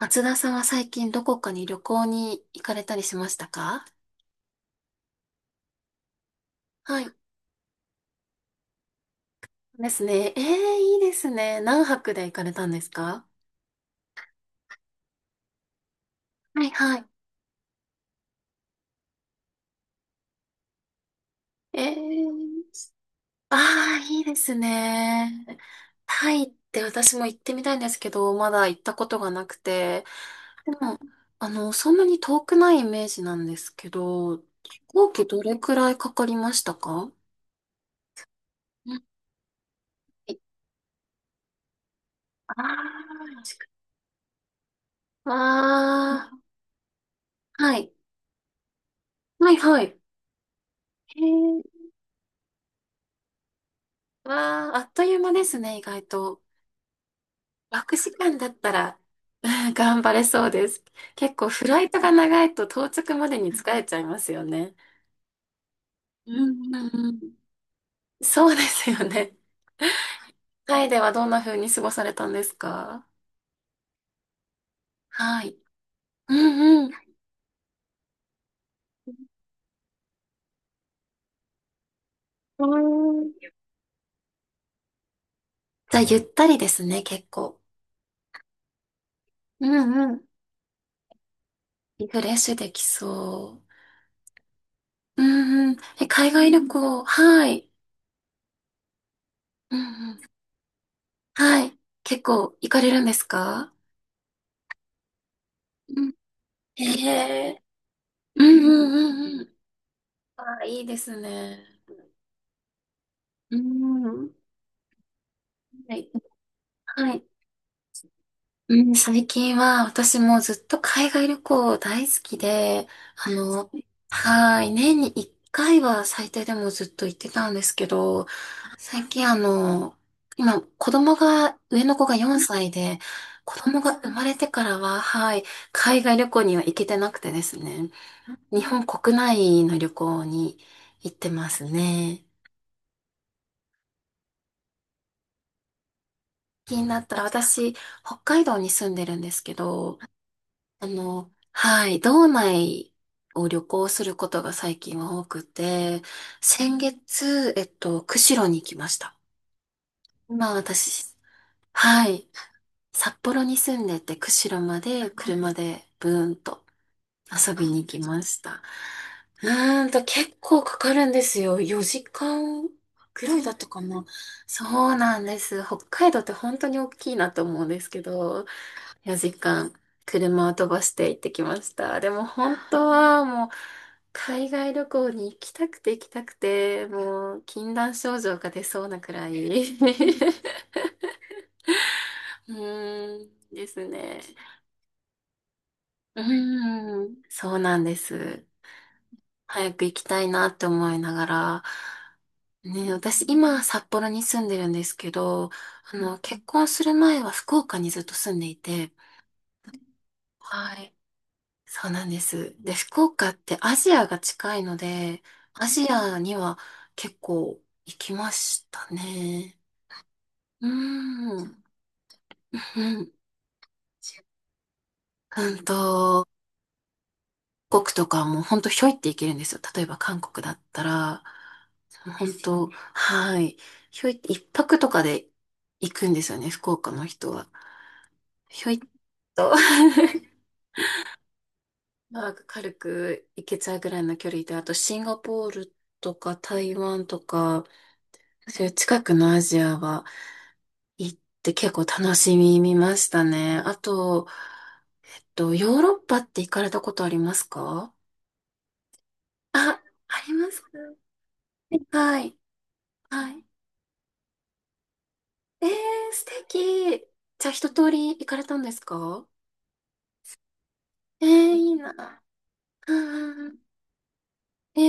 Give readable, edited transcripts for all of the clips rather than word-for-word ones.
松田さんは最近どこかに旅行に行かれたりしましたか？はい。ですね。ええ、いいですね。何泊で行かれたんですか？はいはい。ええ、ああ、いいですね。タイって私も行ってみたいんですけど、まだ行ったことがなくて。でも、そんなに遠くないイメージなんですけど、飛行機どれくらいかかりましたか？うん、ああ、あー、はい。はいはい。へえ。わあ、あっという間ですね、意外と。枠時間だったら、うん、頑張れそうです。結構フライトが長いと到着までに疲れちゃいますよね。うんうんうん。そうですよね。タイではどんな風に過ごされたんですか？はい。うんうん。うーん、じゃあ、ゆったりですね、結構。うんうん。リフレッシュできそう。うんうん。え、海外旅行、はい。うんうん。はい。結構行かれるんですか？へえ、うんうんうんうん、あ、いいですね。うん。はい。はい。うん、最近は私もずっと海外旅行大好きで、あの、はい。年に1回は最低でもずっと行ってたんですけど、最近今子供が、上の子が4歳で、子供が生まれてからは、はい、海外旅行には行けてなくてですね、日本国内の旅行に行ってますね。気になったら、私、北海道に住んでるんですけど、はい、道内を旅行することが最近は多くて、先月、釧路に行きました。今私、はい、札幌に住んでて、釧路まで車でブーンと遊びに行きました。結構かかるんですよ。4時間ぐらいだったかな。そうなんです。北海道って本当に大きいなと思うんですけど、4時間車を飛ばして行ってきました。でも本当はもう海外旅行に行きたくて行きたくて、もう禁断症状が出そうなくらい。うーんですね。うーん、そうなんです。早く行きたいなって思いながら、ね、私今札幌に住んでるんですけど、結婚する前は福岡にずっと住んでいて、はい。そうなんです。で、福岡ってアジアが近いので、アジアには結構行きましたね。うーん。うんうんと、韓国とかも本当ひょいって行けるんですよ。例えば韓国だったら、本当、はい。ひょいって一泊とかで行くんですよね、福岡の人は。ひょいっと まあ軽く行けちゃうぐらいの距離で、あとシンガポールとか台湾とか、そういう近くのアジアは行って結構楽しみ見ましたね。あと、ヨーロッパって行かれたことありますか？あ、ありますか？はい。はい。えー、素敵。じゃあ一通り行かれたんですか？えー、いいな。うんうんうん、え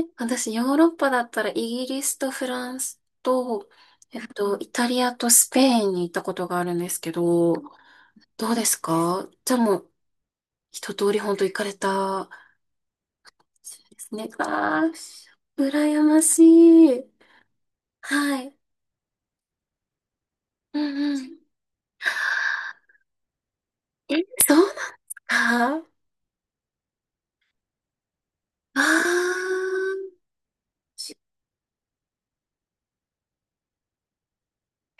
ー、私ヨーロッパだったらイギリスとフランスと、イタリアとスペインに行ったことがあるんですけど、どうですか？じゃあもう一通り本当行かれた、そうですね。ああ、羨ましい。はい。うんうん。え、そうなんだ。ああ、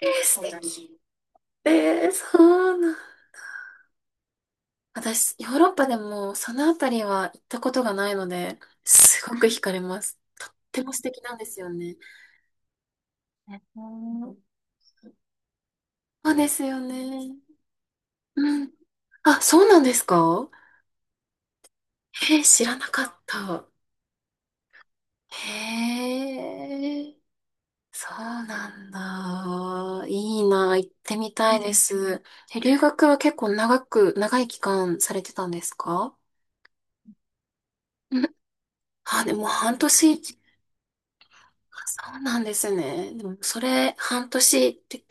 え、素敵。えー、そうなん。私、ヨーロッパでもそのあたりは行ったことがないので、すごく惹かれます。とっても素敵なんですよね。うん、そうですよね。うん。あ、そうなんですか？えー、知らなかった。へえ。そうなんだ。いいな。行ってみたいです。え、留学は結構長く、長い期間されてたんですか？うん、あ、でも半年。あ、そうなんですね。でもそれ、半年って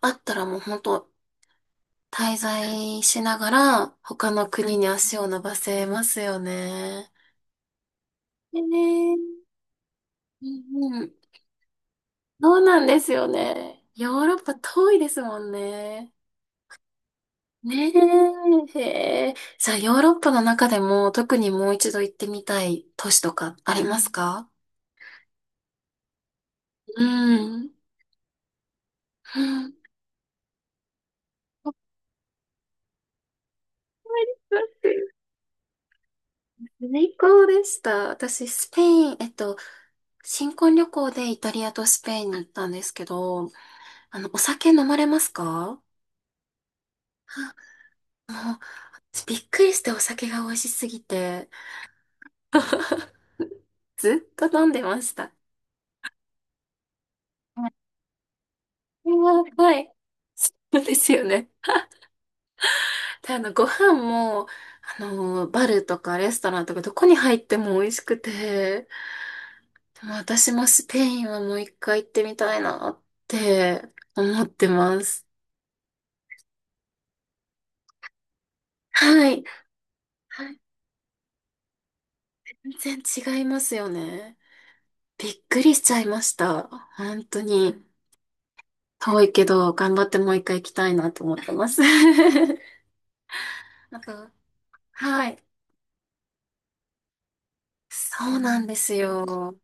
あったらもう本当滞在しながら他の国に足を伸ばせますよね。ねえ、ね、うんうん。そうなんですよね。ヨーロッパ遠いですもんね。ねえ、へえ。さあ、ヨーロッパの中でも特にもう一度行ってみたい都市とかありますか？うん。うん、最高でした。私、スペイン、新婚旅行でイタリアとスペインに行ったんですけど、お酒飲まれますか？あの、びっくりしてお酒が美味しすぎて、ずっと飲んでました。うんは はい。そうですよね。で、ご飯も、バルとかレストランとかどこに入っても美味しくて、でも私もスペインはもう一回行ってみたいなって思ってます。はい。はい。全然違いますよね。びっくりしちゃいました。本当に。遠いけど、頑張ってもう一回行きたいなと思ってます。なんか、はい。そうなんですよ。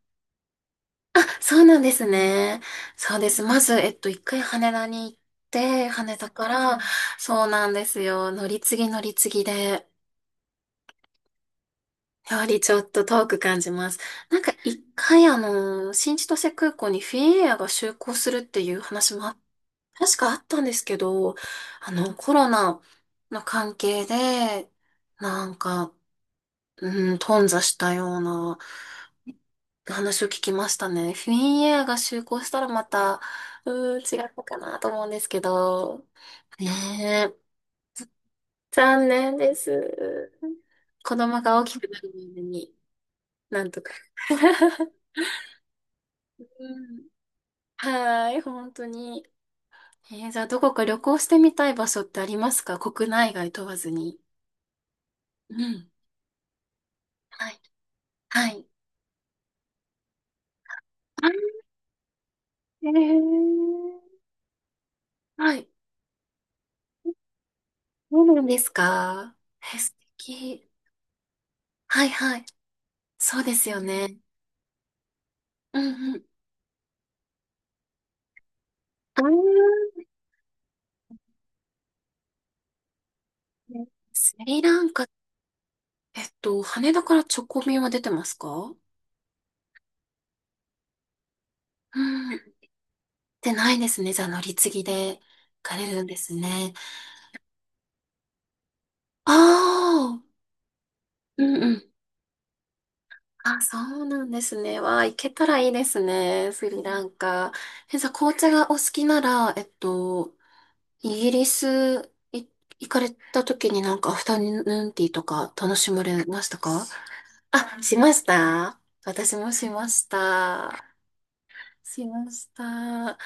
そうなんですね。そうです。まず、一回羽田に行って、羽田から、そうなんですよ。乗り継ぎ乗り継ぎで、やはりちょっと遠く感じます。なんか一回新千歳空港にフィンエアが就航するっていう話もあ、確かあったんですけど、コロナの関係で、なんか、うん、頓挫したような話を聞きましたね。フィンエアが就航したらまた、うーん、違ったかなと思うんですけど。ねえ、残念です。子供が大きくなるまでに、なんとか。うん、はーい、本当に。えー、じゃあ、どこか旅行してみたい場所ってありますか？国内外問わずに。うん。はい。はい。あ、えー、はい。そうなんですか？え、素敵。はいはい。そうですよね。うんうん、あー、ね、スリランカ、羽田から直行便は出てますか？うん。でないですね。じゃあ乗り継ぎで行かれるんですね。ああ、うんうん。あ、そうなんですね。わあ、行けたらいいですね。スリランカ。え、じゃあ紅茶がお好きなら、イギリスい行かれた時になんかアフタヌーンティーとか楽しまれましたか？あ、しました。私もしました。しました。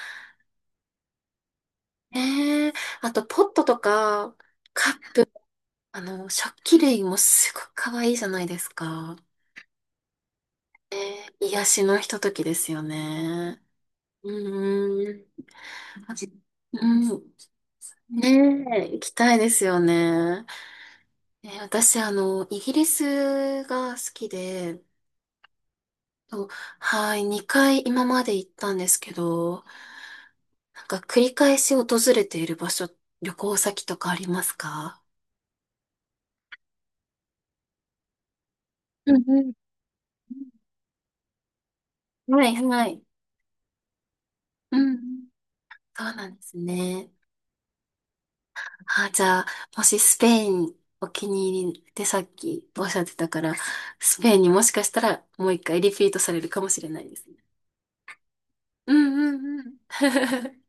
ええ、あとポットとか、か、食器類もすごく可愛いじゃないですか。ええ、癒しのひとときですよね。うーん。あじ、うん。ねえ、行きたいですよね。ええ私、イギリスが好きで、と、はい、2回今まで行ったんですけど、なんか繰り返し訪れている場所、旅行先とかありますか？うん、はいはい。うん。そうなんですね。あ、じゃあ、もしスペインお気に入りってさっきおっしゃってたから、スペインにもしかしたらもう一回リピートされるかもしれないですね。うんうんうん。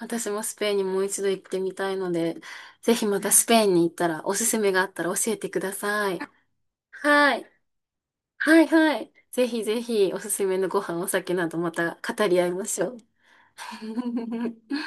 私もスペインにもう一度行ってみたいので、ぜひまたスペインに行ったらおすすめがあったら教えてください。はい。はいはい。ぜひぜひおすすめのご飯、お酒などまた語り合いましょう。